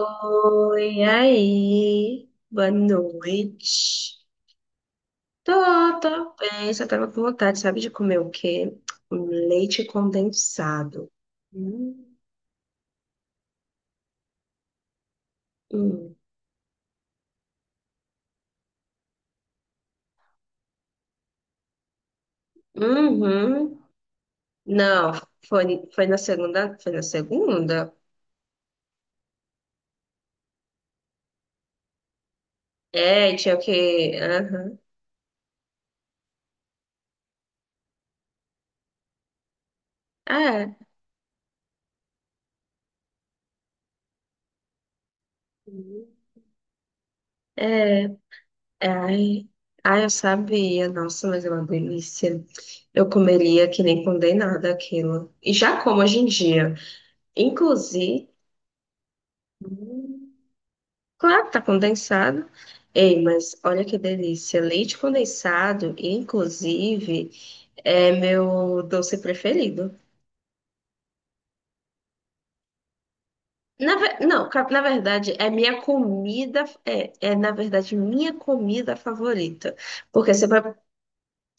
Oi, aí, boa noite. Tô, tô bem, só tava com vontade, sabe, de comer o quê? Um leite condensado. Hum, hum. Uhum. Não, foi na segunda, foi na segunda? É, tinha o quê? Aham. É, uhum. é, é, ai, Ai, eu sabia, nossa, mas é uma delícia. Eu comeria que nem condenada aquilo. E já como hoje em dia. Inclusive, claro que tá condensado. Ei, mas olha que delícia. Leite condensado, inclusive, é meu doce preferido. Na, ve- não, ca- na verdade, é minha comida. Na verdade, minha comida favorita. Porque você vai.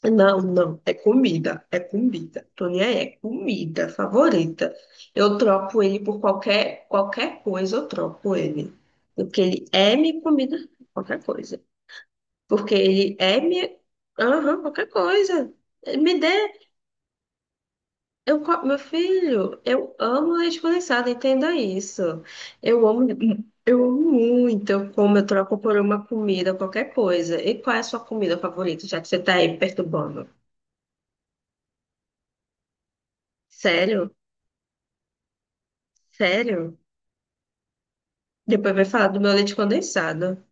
Não, não. É comida. É comida. Tony é comida favorita. Eu troco ele por qualquer coisa, eu troco ele. Porque ele é minha comida, qualquer coisa. Porque ele é minha. Aham, qualquer coisa. Me dê. Meu filho, eu amo leite condensado, entenda isso. Eu amo, eu amo muito. Eu como, eu troco por uma comida, qualquer coisa. E qual é a sua comida favorita, já que você tá aí me perturbando? Sério? Sério? Depois vai falar do meu leite condensado.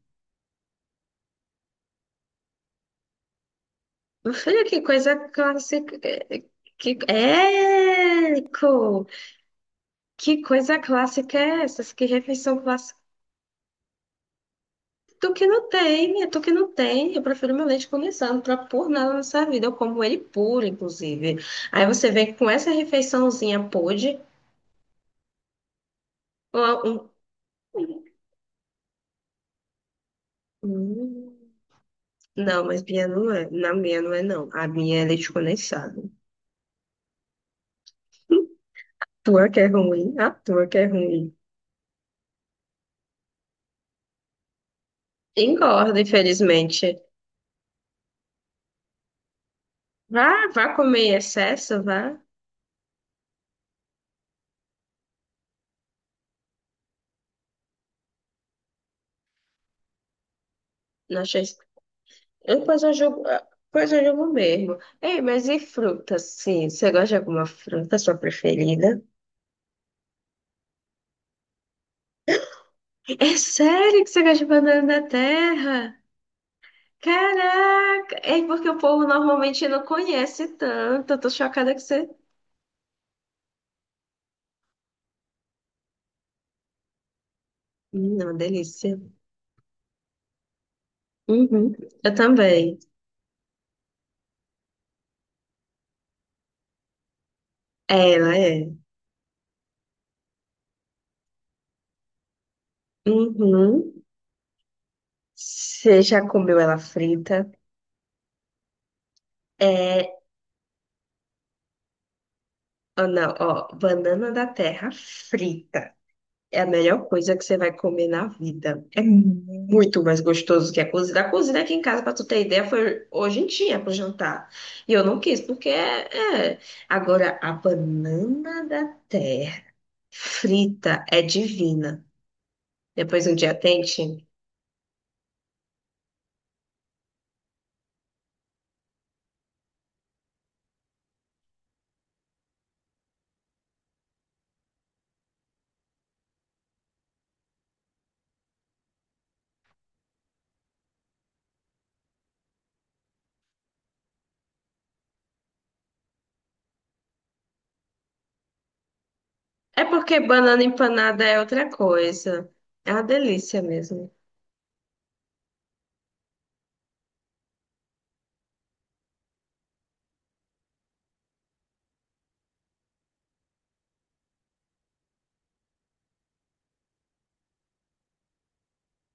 Meu filho, que coisa clássica. Que, é, Co que coisa clássica é essa? Que refeição. Tu que não tem, tu que não tem. Eu prefiro meu leite condensado, não troco por nada nessa vida. Eu como ele puro, inclusive. Aí você vê que com essa refeiçãozinha pôde. Um, um- Hum, Não, mas minha não é. Na minha não é, não. A minha é leite condensado. Tua que é ruim, a tua que é ruim. Engorda, infelizmente. Vá, vá comer em excesso, vá. Não achei... Eu depois eu jogo, depois eu jogo mesmo. Ei, mas e fruta, sim? Você gosta de alguma fruta, sua preferida? É sério que você gosta de banana da terra? Caraca! É porque o povo normalmente não conhece tanto. Eu tô chocada que você. É uma delícia. Uhum. Eu também. É, ela é. Uhum. Você já comeu ela frita? É. Oh, não, ó. Banana da terra frita. É a melhor coisa que você vai comer na vida. É muito mais gostoso que a cozida. A cozida aqui em casa, pra tu ter ideia, foi hoje em dia pro jantar. E eu não quis, porque é. Agora, a banana da terra frita é divina. Depois um dia tente. É porque banana empanada é outra coisa. É uma delícia mesmo.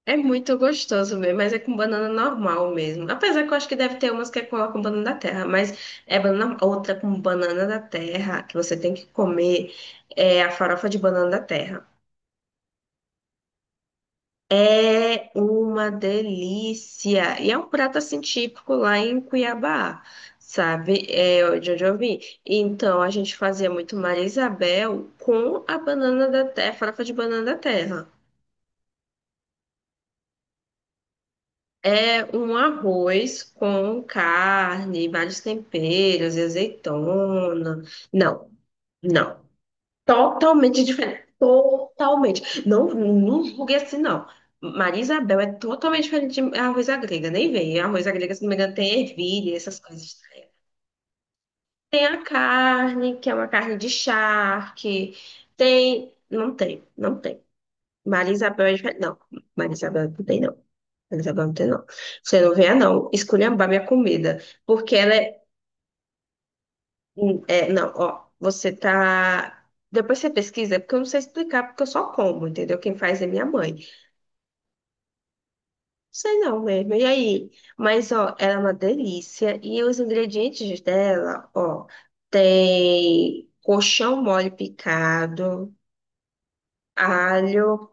É muito gostoso mesmo, mas é com banana normal mesmo. Apesar que eu acho que deve ter umas que é com banana da terra, mas é banana, outra com banana da terra, que você tem que comer, é a farofa de banana da terra. É uma delícia! E é um prato assim típico lá em Cuiabá, sabe? É de onde eu vim. Então a gente fazia muito Maria Isabel com a banana da terra, farofa de banana da terra. É um arroz com carne, vários temperos, azeitona. Não, não. Totalmente diferente. Totalmente. Não, não julgue assim, não. Maria Isabel é totalmente diferente de arroz à grega. Nem vem. Arroz à grega, se não me engano, tem ervilha, essas coisas. Tem a carne, que é uma carne de charque. Tem. Não tem, não tem. Maria Isabel é diferente. Não, Maria Isabel não tem, não. Eles agora não tem, não. Você não venha, não, esculhambar minha comida. Porque ela é, Não, ó, você tá. Depois você pesquisa, porque eu não sei explicar, porque eu só como, entendeu? Quem faz é minha mãe. Não sei não mesmo. E aí? Mas, ó, ela é uma delícia. E os ingredientes dela, ó, tem colchão mole picado, alho.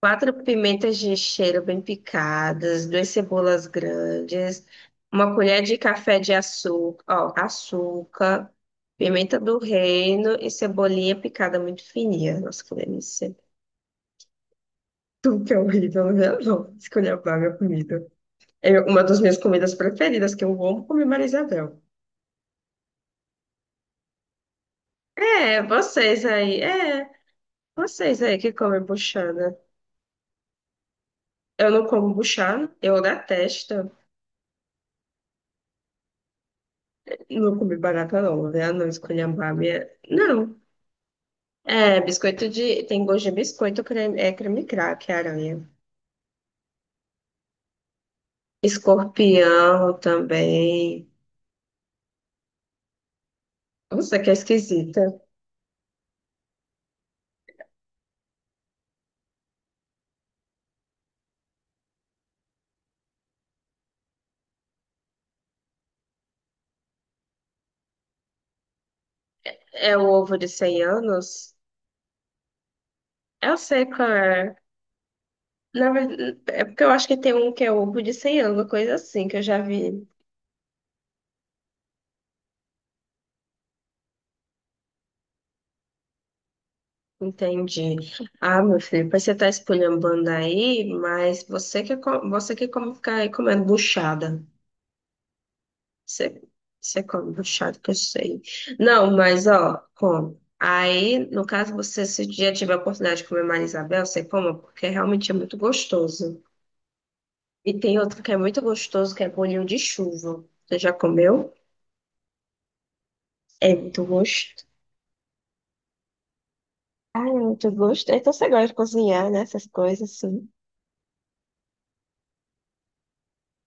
Quatro pimentas de cheiro bem picadas, duas cebolas grandes, uma colher de café de açúcar, ó, açúcar, pimenta do reino e cebolinha picada muito fininha. Nossa, que delícia. Tudo que é horrível, né? Não, esculhambar minha comida. É uma das minhas comidas preferidas, que eu amo comer Maria Isabel. É, vocês aí que comem buchana. Eu não como buchana, eu detesto. Não comi barata, não, né? Não esculhambar a minha. Não. É, biscoito de. Tem gosto de biscoito, creme... é creme crack, é aranha. Escorpião também. Nossa, que esquisita. É o ovo de cem anos? Eu sei qual é. Na verdade, é porque eu acho que tem um que é ovo de 100 anos, coisa assim, que eu já vi. Entendi. Ah, meu filho, pois você tá esculhambando aí, mas você que come, ficar aí comendo buchada. Você, você come puxado que eu sei. Não, mas ó, come. Aí, no caso, você, se um dia tiver a oportunidade de comer Maria Isabel, você coma, porque realmente é muito gostoso. E tem outro que é muito gostoso, que é bolinho de chuva. Você já comeu? É muito gostoso. Ah, é muito gosto. Então você gosta de cozinhar, né? Essas coisas assim.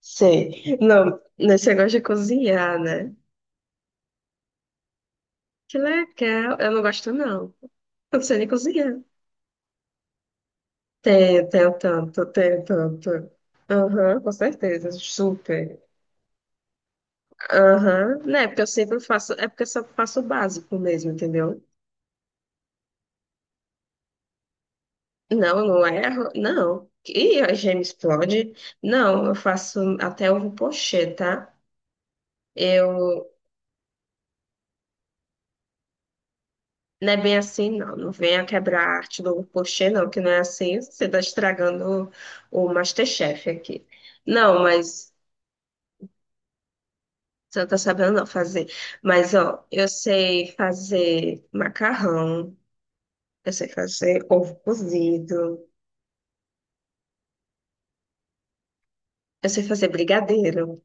Sei. Não, né, você gosta de cozinhar, né? Que legal. Eu não gosto, não. Eu não sei nem cozinhar. Tem tanto, tem tanto. Aham, com certeza, super. Aham, né, porque eu sempre faço, é porque eu só faço o básico mesmo, entendeu? Não, eu não erro, não. E a gema explode? Não, eu faço até ovo pochê, tá? Eu, não é bem assim, não. Não venha quebrar a arte do ovo pochê, não, que não é assim, você tá estragando o MasterChef aqui. Não, mas você não tá sabendo não fazer. Mas, ó, eu sei fazer macarrão, eu sei fazer ovo cozido, eu sei fazer brigadeiro.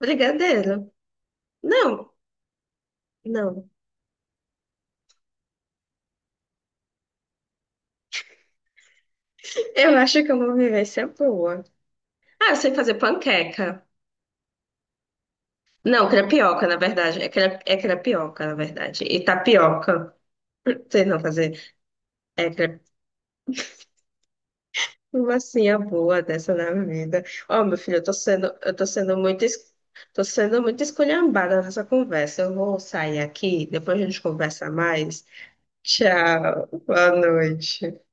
Brigadeiro? Não, não. Eu acho que é uma vivência boa. Ah, eu sei fazer panqueca. Não, crepioca, na verdade. É, cre... é crepioca, na verdade. E tapioca. Não sei não fazer. É uma sim, boa dessa na vida. Ó, meu filho, eu tô sendo muito, es- tô sendo muito esculhambada nessa conversa. Eu vou sair aqui, depois a gente conversa mais. Tchau, boa noite.